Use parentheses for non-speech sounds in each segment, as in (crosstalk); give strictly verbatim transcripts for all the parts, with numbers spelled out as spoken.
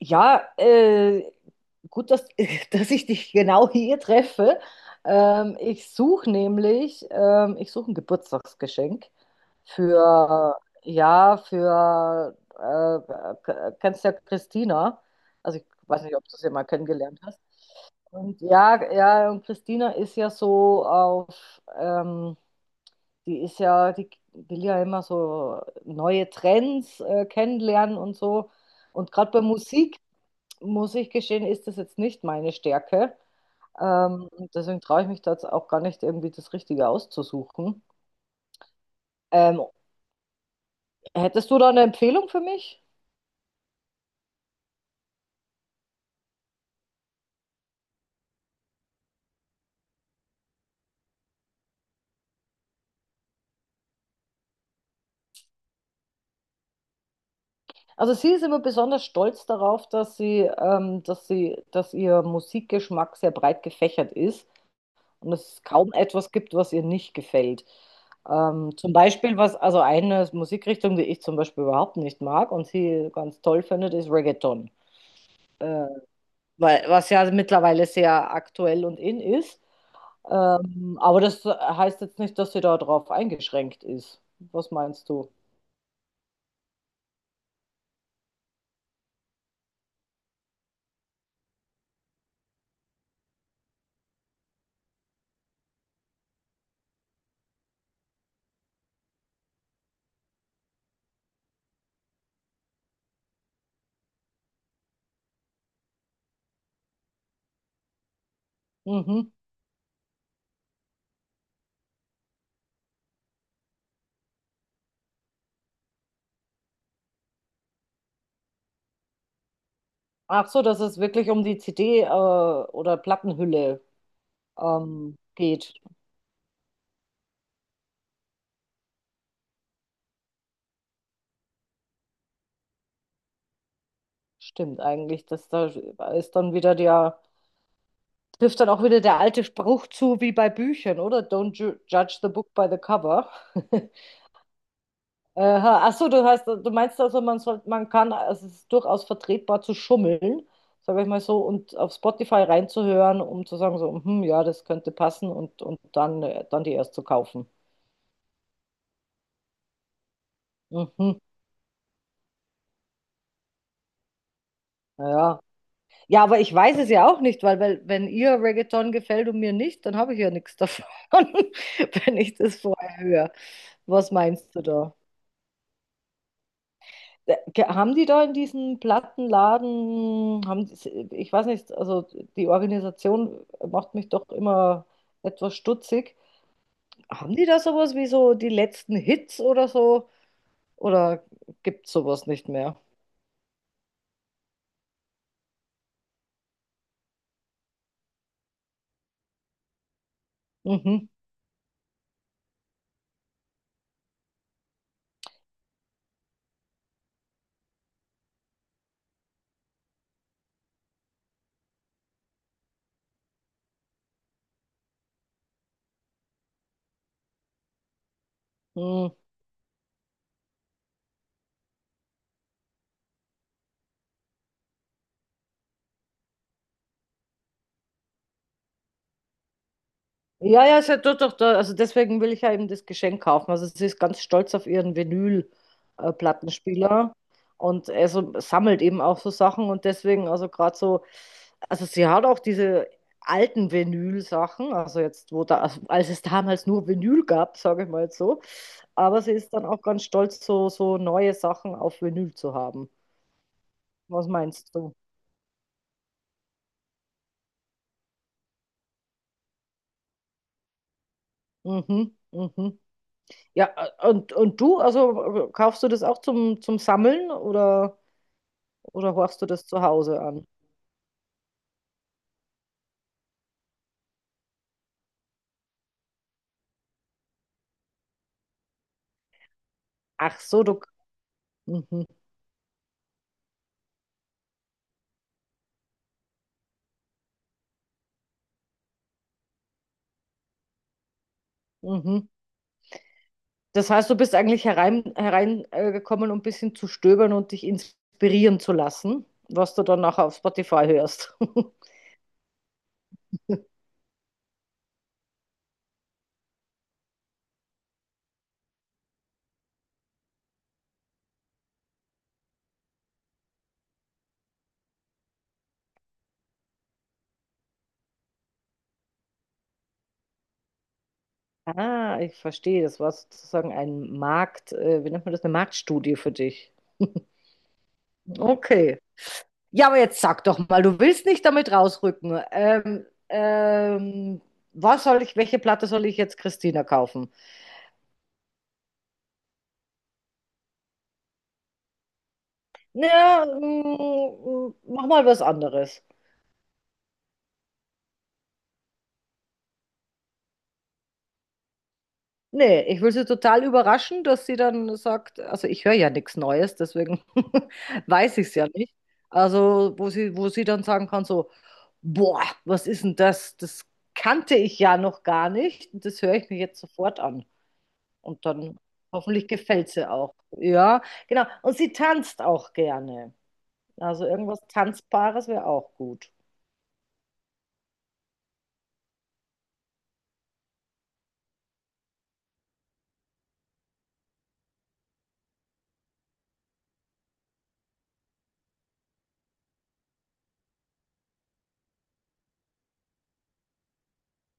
Ja, äh, gut, dass, (laughs) dass ich dich genau hier treffe. Ähm, ich suche nämlich, ähm, ich suche ein Geburtstagsgeschenk für, ja, für, äh, k- kennst ja Christina. Also ich weiß nicht, ob du sie mal kennengelernt hast. Und ja, ja, und Christina ist ja so auf, ähm, die ist ja, die will ja immer so neue Trends äh, kennenlernen und so. Und gerade bei Musik muss ich gestehen, ist das jetzt nicht meine Stärke. Ähm, deswegen traue ich mich da jetzt auch gar nicht, irgendwie das Richtige auszusuchen. Ähm, hättest du da eine Empfehlung für mich? Also sie ist immer besonders stolz darauf, dass sie, ähm, dass sie, dass ihr Musikgeschmack sehr breit gefächert ist und es kaum etwas gibt, was ihr nicht gefällt. Ähm, zum Beispiel was, also eine Musikrichtung, die ich zum Beispiel überhaupt nicht mag und sie ganz toll findet, ist Reggaeton. Äh, weil, was ja mittlerweile sehr aktuell und in ist. Ähm, aber das heißt jetzt nicht, dass sie darauf eingeschränkt ist. Was meinst du? Mhm. Ach so, dass es wirklich um die C D, äh, oder Plattenhülle, ähm, geht. Stimmt eigentlich, dass da ist dann wieder der, trifft dann auch wieder der alte Spruch zu, wie bei Büchern, oder? Don't ju judge the book by the cover. (laughs) Aha, ach so, du hast, du meinst also, man soll, man kann, also es ist durchaus vertretbar zu schummeln, sage ich mal so, und auf Spotify reinzuhören, um zu sagen so, hm, ja, das könnte passen und, und dann, äh, dann die erst zu kaufen. Mhm, ja. Ja, aber ich weiß es ja auch nicht, weil, weil wenn ihr Reggaeton gefällt und mir nicht, dann habe ich ja nichts davon, (laughs) wenn ich das vorher höre. Was meinst du da? Äh, ge- Haben die da in diesem Plattenladen, haben die, ich weiß nicht, also die Organisation macht mich doch immer etwas stutzig. Haben die da sowas wie so die letzten Hits oder so? Oder gibt es sowas nicht mehr? Mhm. Mhm. Ja, ja, ist ja doch, doch, da- also deswegen will ich ja eben das Geschenk kaufen. Also sie ist ganz stolz auf ihren Vinyl-Plattenspieler und er so, sammelt eben auch so Sachen und deswegen, also gerade so, also sie hat auch diese alten Vinyl-Sachen, also jetzt, wo da, also als es damals nur Vinyl gab, sage ich mal jetzt so, aber sie ist dann auch ganz stolz, so, so neue Sachen auf Vinyl zu haben. Was meinst du? Mhm, mhm. Ja, und, und du, also äh, kaufst du das auch zum, zum Sammeln oder? Oder horchst du das zu Hause an? Ach so, du. Mhm, mhm. Das heißt, du bist eigentlich hereingekommen, herein, äh, gekommen, um ein bisschen zu stöbern und dich inspirieren zu lassen, was du dann nachher auf Spotify hörst. (laughs) Ah, ich verstehe. Das war sozusagen ein Markt, äh, wie nennt man das, eine Marktstudie für dich. Okay. Ja, aber jetzt sag doch mal, du willst nicht damit rausrücken. Ähm, ähm, was soll ich, welche Platte soll ich jetzt Christina kaufen? Na, mm, mm, mach mal was anderes. Nee, ich will sie total überraschen, dass sie dann sagt, also ich höre ja nichts Neues, deswegen (laughs) weiß ich es ja nicht. Also, wo sie, wo sie dann sagen kann, so, boah, was ist denn das? Das kannte ich ja noch gar nicht. Das höre ich mir jetzt sofort an. Und dann hoffentlich gefällt sie auch. Ja, genau. Und sie tanzt auch gerne. Also irgendwas Tanzbares wäre auch gut.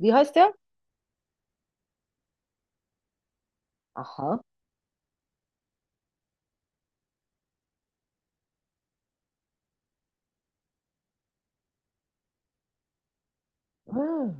Wie heißt der? Aha. Ah.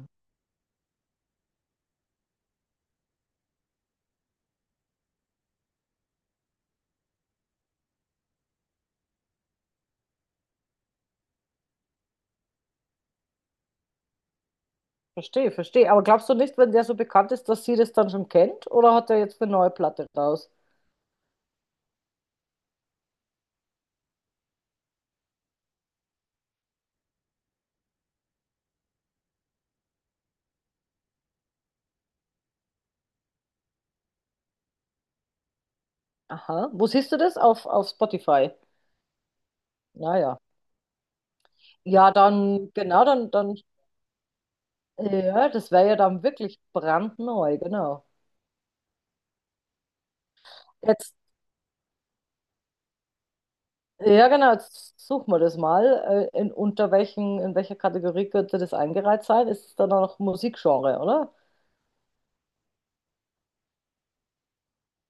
Verstehe, verstehe. Aber glaubst du nicht, wenn der so bekannt ist, dass sie das dann schon kennt? Oder hat er jetzt eine neue Platte raus? Aha. Wo siehst du das? Auf, auf Spotify. Naja. Ja, Ja, dann, genau, dann, dann, ja, das wäre ja dann wirklich brandneu, genau. Jetzt, ja, genau, jetzt suchen wir das mal. Äh, In, unter welchen, in welcher Kategorie könnte das eingereiht sein? Ist es dann auch noch Musikgenre, oder?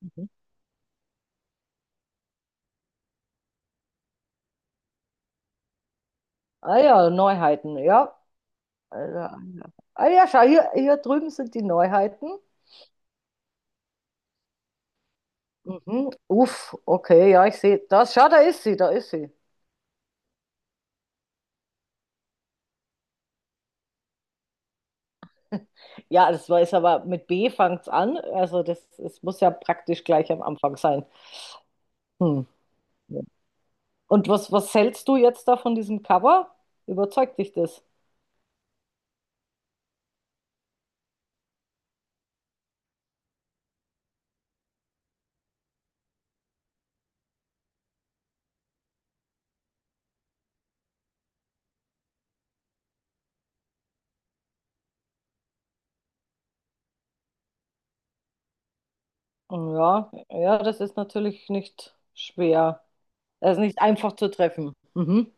Mhm. Ah ja, Neuheiten, ja. Äh, Ah ja, schau, hier, hier drüben sind die Neuheiten. Mhm. Uff, okay, ja, ich sehe. Das, schau, da ist sie, da ist sie. Ja, das war ist aber mit B fängt's an. Also das, es muss ja praktisch gleich am Anfang sein. Hm. ja. Und was, was hältst du jetzt da von diesem Cover? Überzeugt dich das? Hm, Ja, ja, das ist natürlich nicht schwer. Das ist nicht einfach zu treffen. Mhm.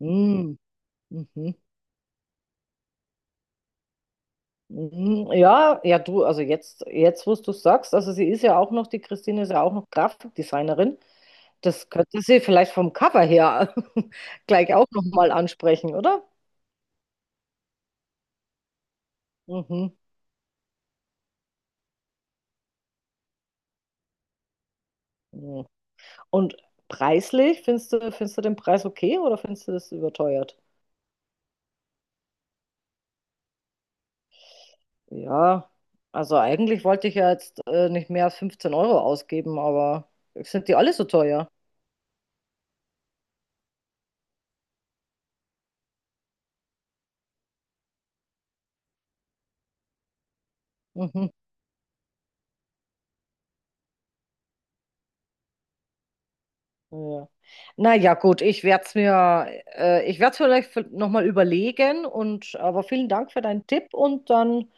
Mhm. Mhm. Mhm. Ja, ja, du, also jetzt, jetzt, wo du es sagst, also sie ist ja auch noch, die Christine ist ja auch noch Grafikdesignerin. Das könnte sie vielleicht vom Cover her (laughs) gleich auch nochmal ansprechen, oder? Mhm. Mhm. Und preislich, findest du, findest du den Preis okay oder findest du das überteuert? Ja, also eigentlich wollte ich ja jetzt äh, nicht mehr als fünfzehn Euro ausgeben, aber sind die alle so teuer? Mhm. Ja. Naja, gut, ich werde es mir, äh, ich werde es vielleicht nochmal überlegen und aber vielen Dank für deinen Tipp und dann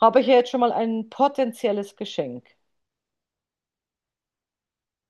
habe ich ja jetzt schon mal ein potenzielles Geschenk.